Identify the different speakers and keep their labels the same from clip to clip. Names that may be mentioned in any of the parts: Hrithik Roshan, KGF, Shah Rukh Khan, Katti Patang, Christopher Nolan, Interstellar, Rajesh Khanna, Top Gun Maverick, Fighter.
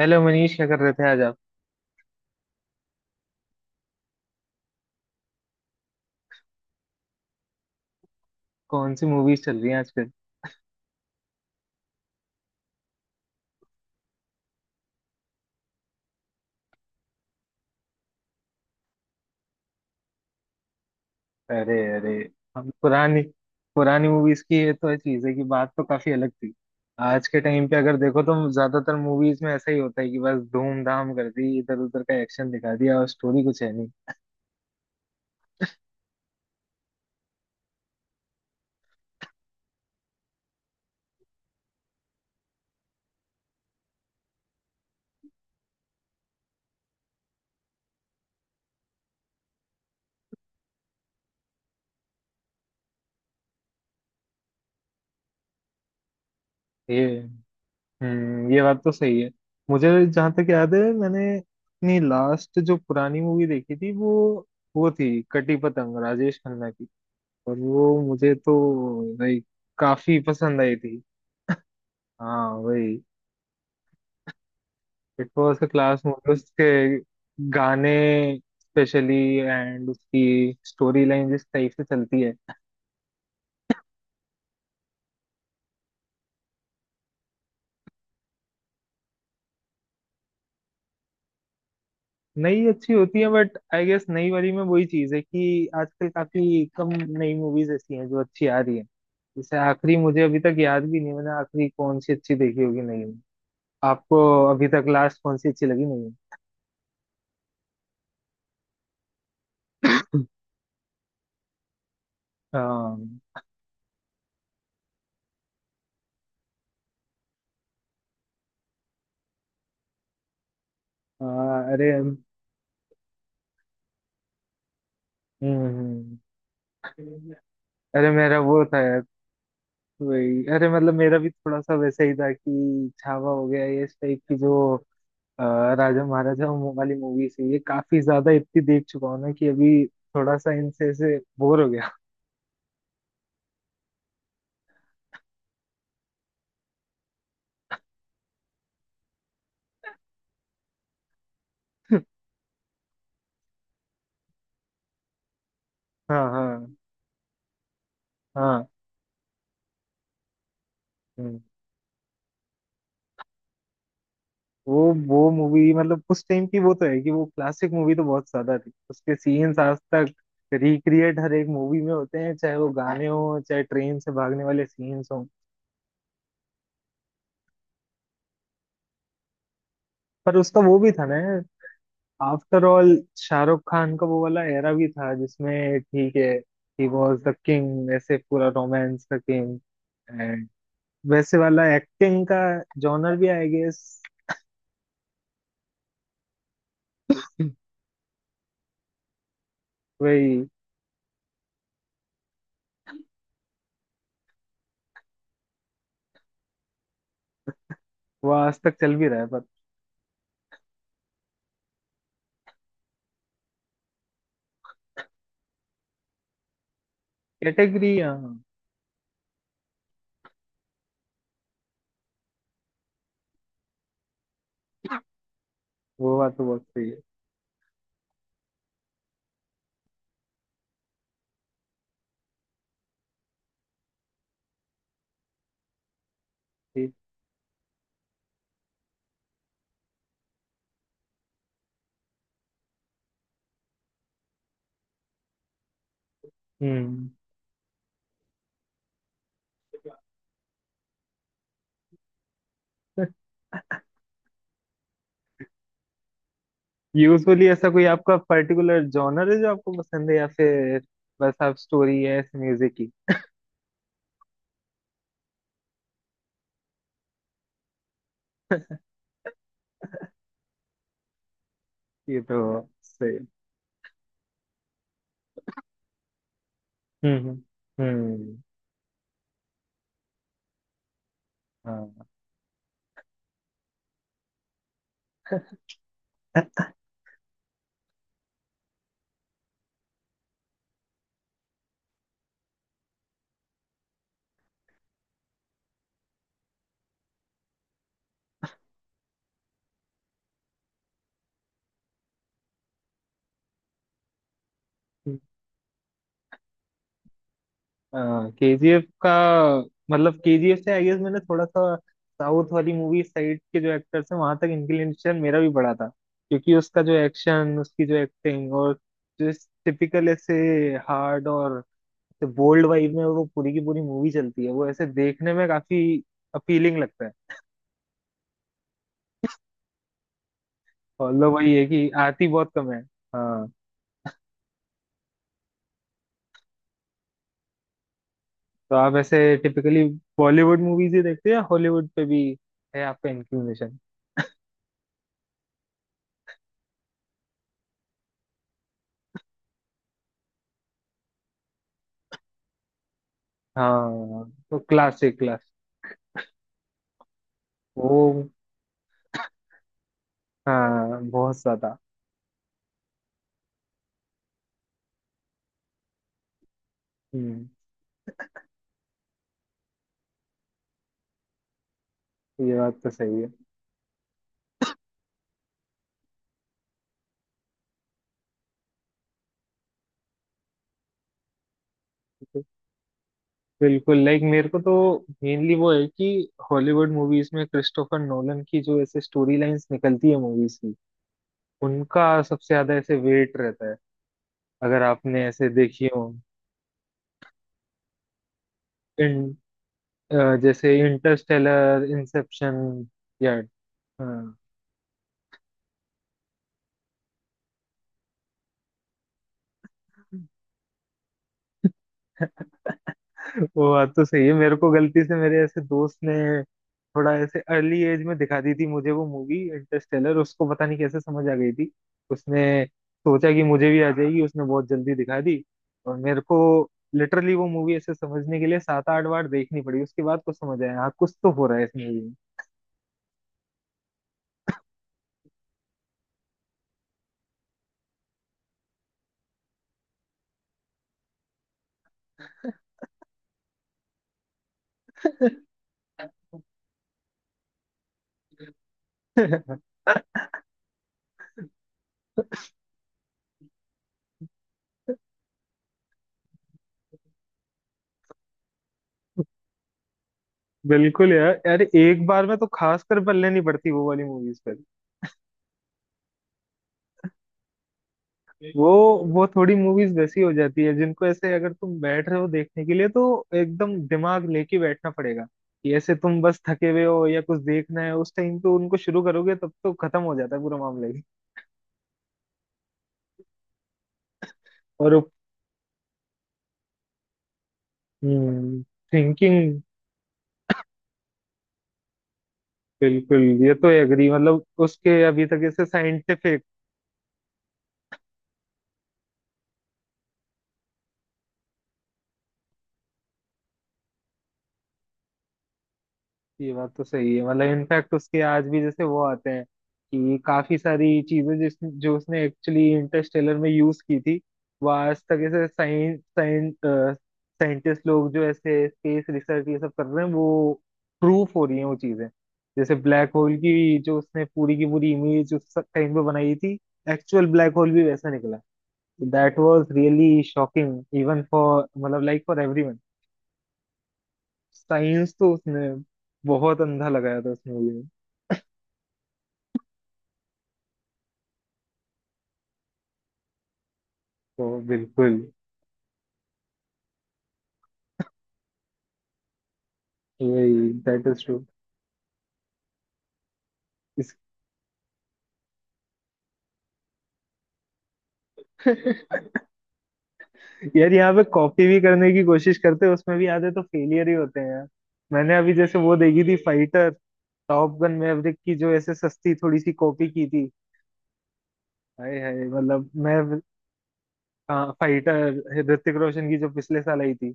Speaker 1: Hello Manish, क्या कर रहे थे आज आप? कौन सी मूवीज चल रही हैं आजकल? अरे अरे। हम पुरानी पुरानी मूवीज की ये तो चीज है कि बात तो काफी अलग थी। आज के टाइम पे अगर देखो तो ज्यादातर मूवीज में ऐसा ही होता है कि बस धूमधाम कर दी, इधर उधर का एक्शन दिखा दिया, और स्टोरी कुछ है नहीं। ये ये बात तो सही है। मुझे जहां तक याद है, मैंने अपनी लास्ट जो पुरानी मूवी देखी थी वो थी कटी पतंग, राजेश खन्ना की। और वो मुझे तो लाइक काफी पसंद आई थी। हाँ, वही। It was a class movie, उसके गाने स्पेशली, एंड उसकी स्टोरी लाइन जिस टाइप से चलती है। नई अच्छी होती है, बट आई गेस नई वाली में वही चीज है कि आजकल काफी कम नई मूवीज ऐसी हैं जो अच्छी आ रही है। जैसे आखिरी मुझे अभी तक याद भी नहीं मैंने आखिरी कौन सी अच्छी देखी होगी नई में। आपको अभी तक लास्ट कौन सी अच्छी लगी नहीं? हाँ हाँ, अरे हम्म। अरे मेरा वो था। वही, अरे मतलब मेरा भी थोड़ा सा वैसा ही था कि छावा हो गया, ये इस टाइप की जो अ, राजा महाराजा वो वाली मूवीज है ये काफी ज्यादा इतनी देख चुका हूं ना कि अभी थोड़ा सा इनसे ऐसे बोर हो गया। हाँ हाँ हाँ हम्म। वो मूवी, मतलब उस टाइम की, वो तो है कि वो क्लासिक मूवी तो बहुत ज्यादा थी। उसके सीन्स आज तक रिक्रिएट हर एक मूवी में होते हैं, चाहे वो गाने हो चाहे ट्रेन से भागने वाले सीन्स हो। पर उसका वो भी था ना, आफ्टर ऑल शाहरुख खान का वो वाला एरा भी था जिसमें, ठीक है, ही वॉज द किंग, ऐसे पूरा रोमांस का किंग, एंड वैसे वाला एक्टिंग का जॉनर भी आई गेस। वही। वो आज तक चल भी रहा है पर। कैटेगरी, हाँ। वो बात तो बहुत सही है। ठीक। हम्म। यूजुअली ऐसा कोई आपका पर्टिकुलर जॉनर है जो आपको पसंद है या फिर बस आप स्टोरी है म्यूजिक की? ये तो सही। हम्म हम्म हम्म, हाँ। केजीएफ का मतलब केजीएफ से आई गेस मैंने थोड़ा सा साउथ वाली मूवी साइड के जो एक्टर्स हैं वहां तक इंक्लिनेशन मेरा भी बड़ा था, क्योंकि उसका जो एक्शन, उसकी जो एक्टिंग और जो टिपिकल ऐसे हार्ड और बोल्ड वाइब में वो पूरी की पूरी मूवी चलती है, वो ऐसे देखने में काफी अपीलिंग लगता है। और लो वही है कि आती बहुत कम है। हाँ। तो आप ऐसे टिपिकली बॉलीवुड मूवीज ही देखते हैं या हॉलीवुड पे भी है आपका इंक्लिनेशन? हाँ तो क्लासिक क्लास। वो हाँ, बहुत ज्यादा। हम्म ये बात तो सही है। बिल्कुल, लाइक मेरे को तो मेनली वो है कि हॉलीवुड मूवीज में क्रिस्टोफर नोलन की जो ऐसे स्टोरी लाइंस निकलती है मूवीज की, उनका सबसे ज्यादा ऐसे वेट रहता है, अगर आपने ऐसे देखी हो। इन जैसे इंटरस्टेलर, इंसेप्शन या। हाँ। वो बात तो सही है, मेरे को गलती से मेरे ऐसे दोस्त ने थोड़ा ऐसे अर्ली एज में दिखा दी थी मुझे वो मूवी इंटरस्टेलर, उसको पता नहीं कैसे समझ आ गई थी। उसने सोचा कि मुझे भी आ जाएगी, उसने बहुत जल्दी दिखा दी। और मेरे को लिटरली वो मूवी ऐसे समझने के लिए 7-8 बार देखनी पड़ी, उसके बाद कुछ समझ आया, हाँ कुछ तो हो रहा है इस मूवी में। बिल्कुल यार, अरे एक बार में तो खास कर पल्ले नहीं पड़ती वो वाली मूवीज पे। वो वो थोड़ी मूवीज वैसी हो जाती है जिनको ऐसे अगर तुम बैठ रहे हो देखने के लिए तो एकदम दिमाग लेके बैठना पड़ेगा। कि ऐसे तुम बस थके हुए हो या कुछ देखना है उस टाइम पे उनको शुरू करोगे तब तो खत्म हो जाता है पूरा मामला ही। और, हम्म, थिंकिंग। बिल्कुल, ये तो एग्री, मतलब उसके अभी तक ऐसे साइंटिफिक। ये बात तो सही है, मतलब इनफैक्ट उसके आज भी जैसे वो आते हैं कि काफी सारी चीजें जिस जो उसने एक्चुअली इंटरस्टेलर में यूज की थी वो आज तक ऐसे साइंस साइंटिस्ट लोग जो ऐसे स्पेस रिसर्च ये सब कर रहे हैं वो प्रूफ हो रही है वो चीजें। जैसे ब्लैक होल की जो उसने पूरी की पूरी इमेज उस टाइम पे बनाई थी, एक्चुअल ब्लैक होल भी वैसा निकला। That was really shocking even for, मतलब लाइक फॉर एवरीवन। साइंस तो उसने बहुत अंधा लगाया था उस मूवी। तो बिल्कुल। वही, दैट इज ट्रू। इस यार यहाँ पे कॉपी भी करने की कोशिश करते हैं उसमें भी आधे तो फेलियर ही होते हैं यार। मैंने अभी जैसे वो देखी थी फाइटर, टॉप गन मैवरिक की जो ऐसे सस्ती थोड़ी सी कॉपी की थी। हाय हाय, मतलब मैं। फाइटर ऋतिक रोशन की जो पिछले साल आई थी।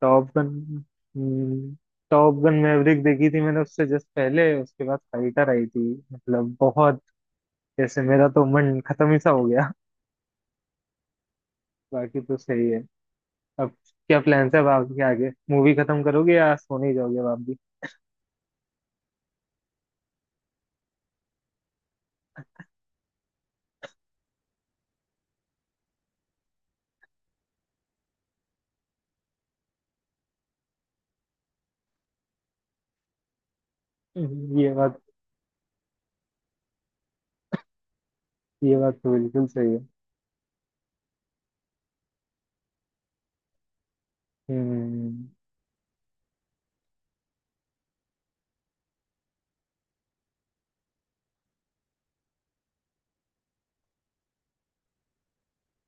Speaker 1: Top gun top gun maverick देखी थी मैंने उससे जस्ट पहले, उसके बाद फाइटर आई थी, मतलब बहुत, जैसे मेरा तो मन खत्म ही सा हो गया। बाकी तो सही है। अब क्या प्लान्स है अब आपके आगे, मूवी खत्म करोगे या सोने ही जाओगे अब आप भी? हम्म, ये बात ये बात तो बिल्कुल सही है। हम्म।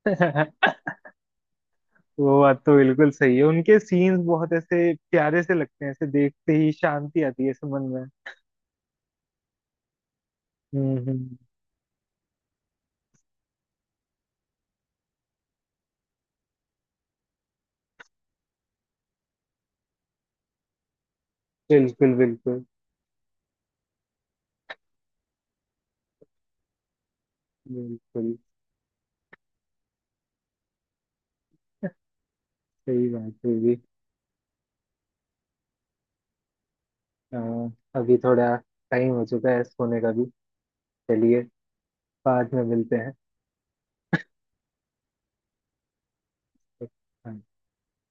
Speaker 1: वो बात तो बिल्कुल सही है, उनके सीन्स बहुत ऐसे प्यारे से लगते हैं, ऐसे देखते ही शांति आती है ऐसे मन में। हम्म हम्म, बिल्कुल बिल्कुल बिल्कुल। सही बात है जी। अ, अभी थोड़ा टाइम हो चुका है सोने का भी। चलिए, बाद में मिलते हैं। हाँ।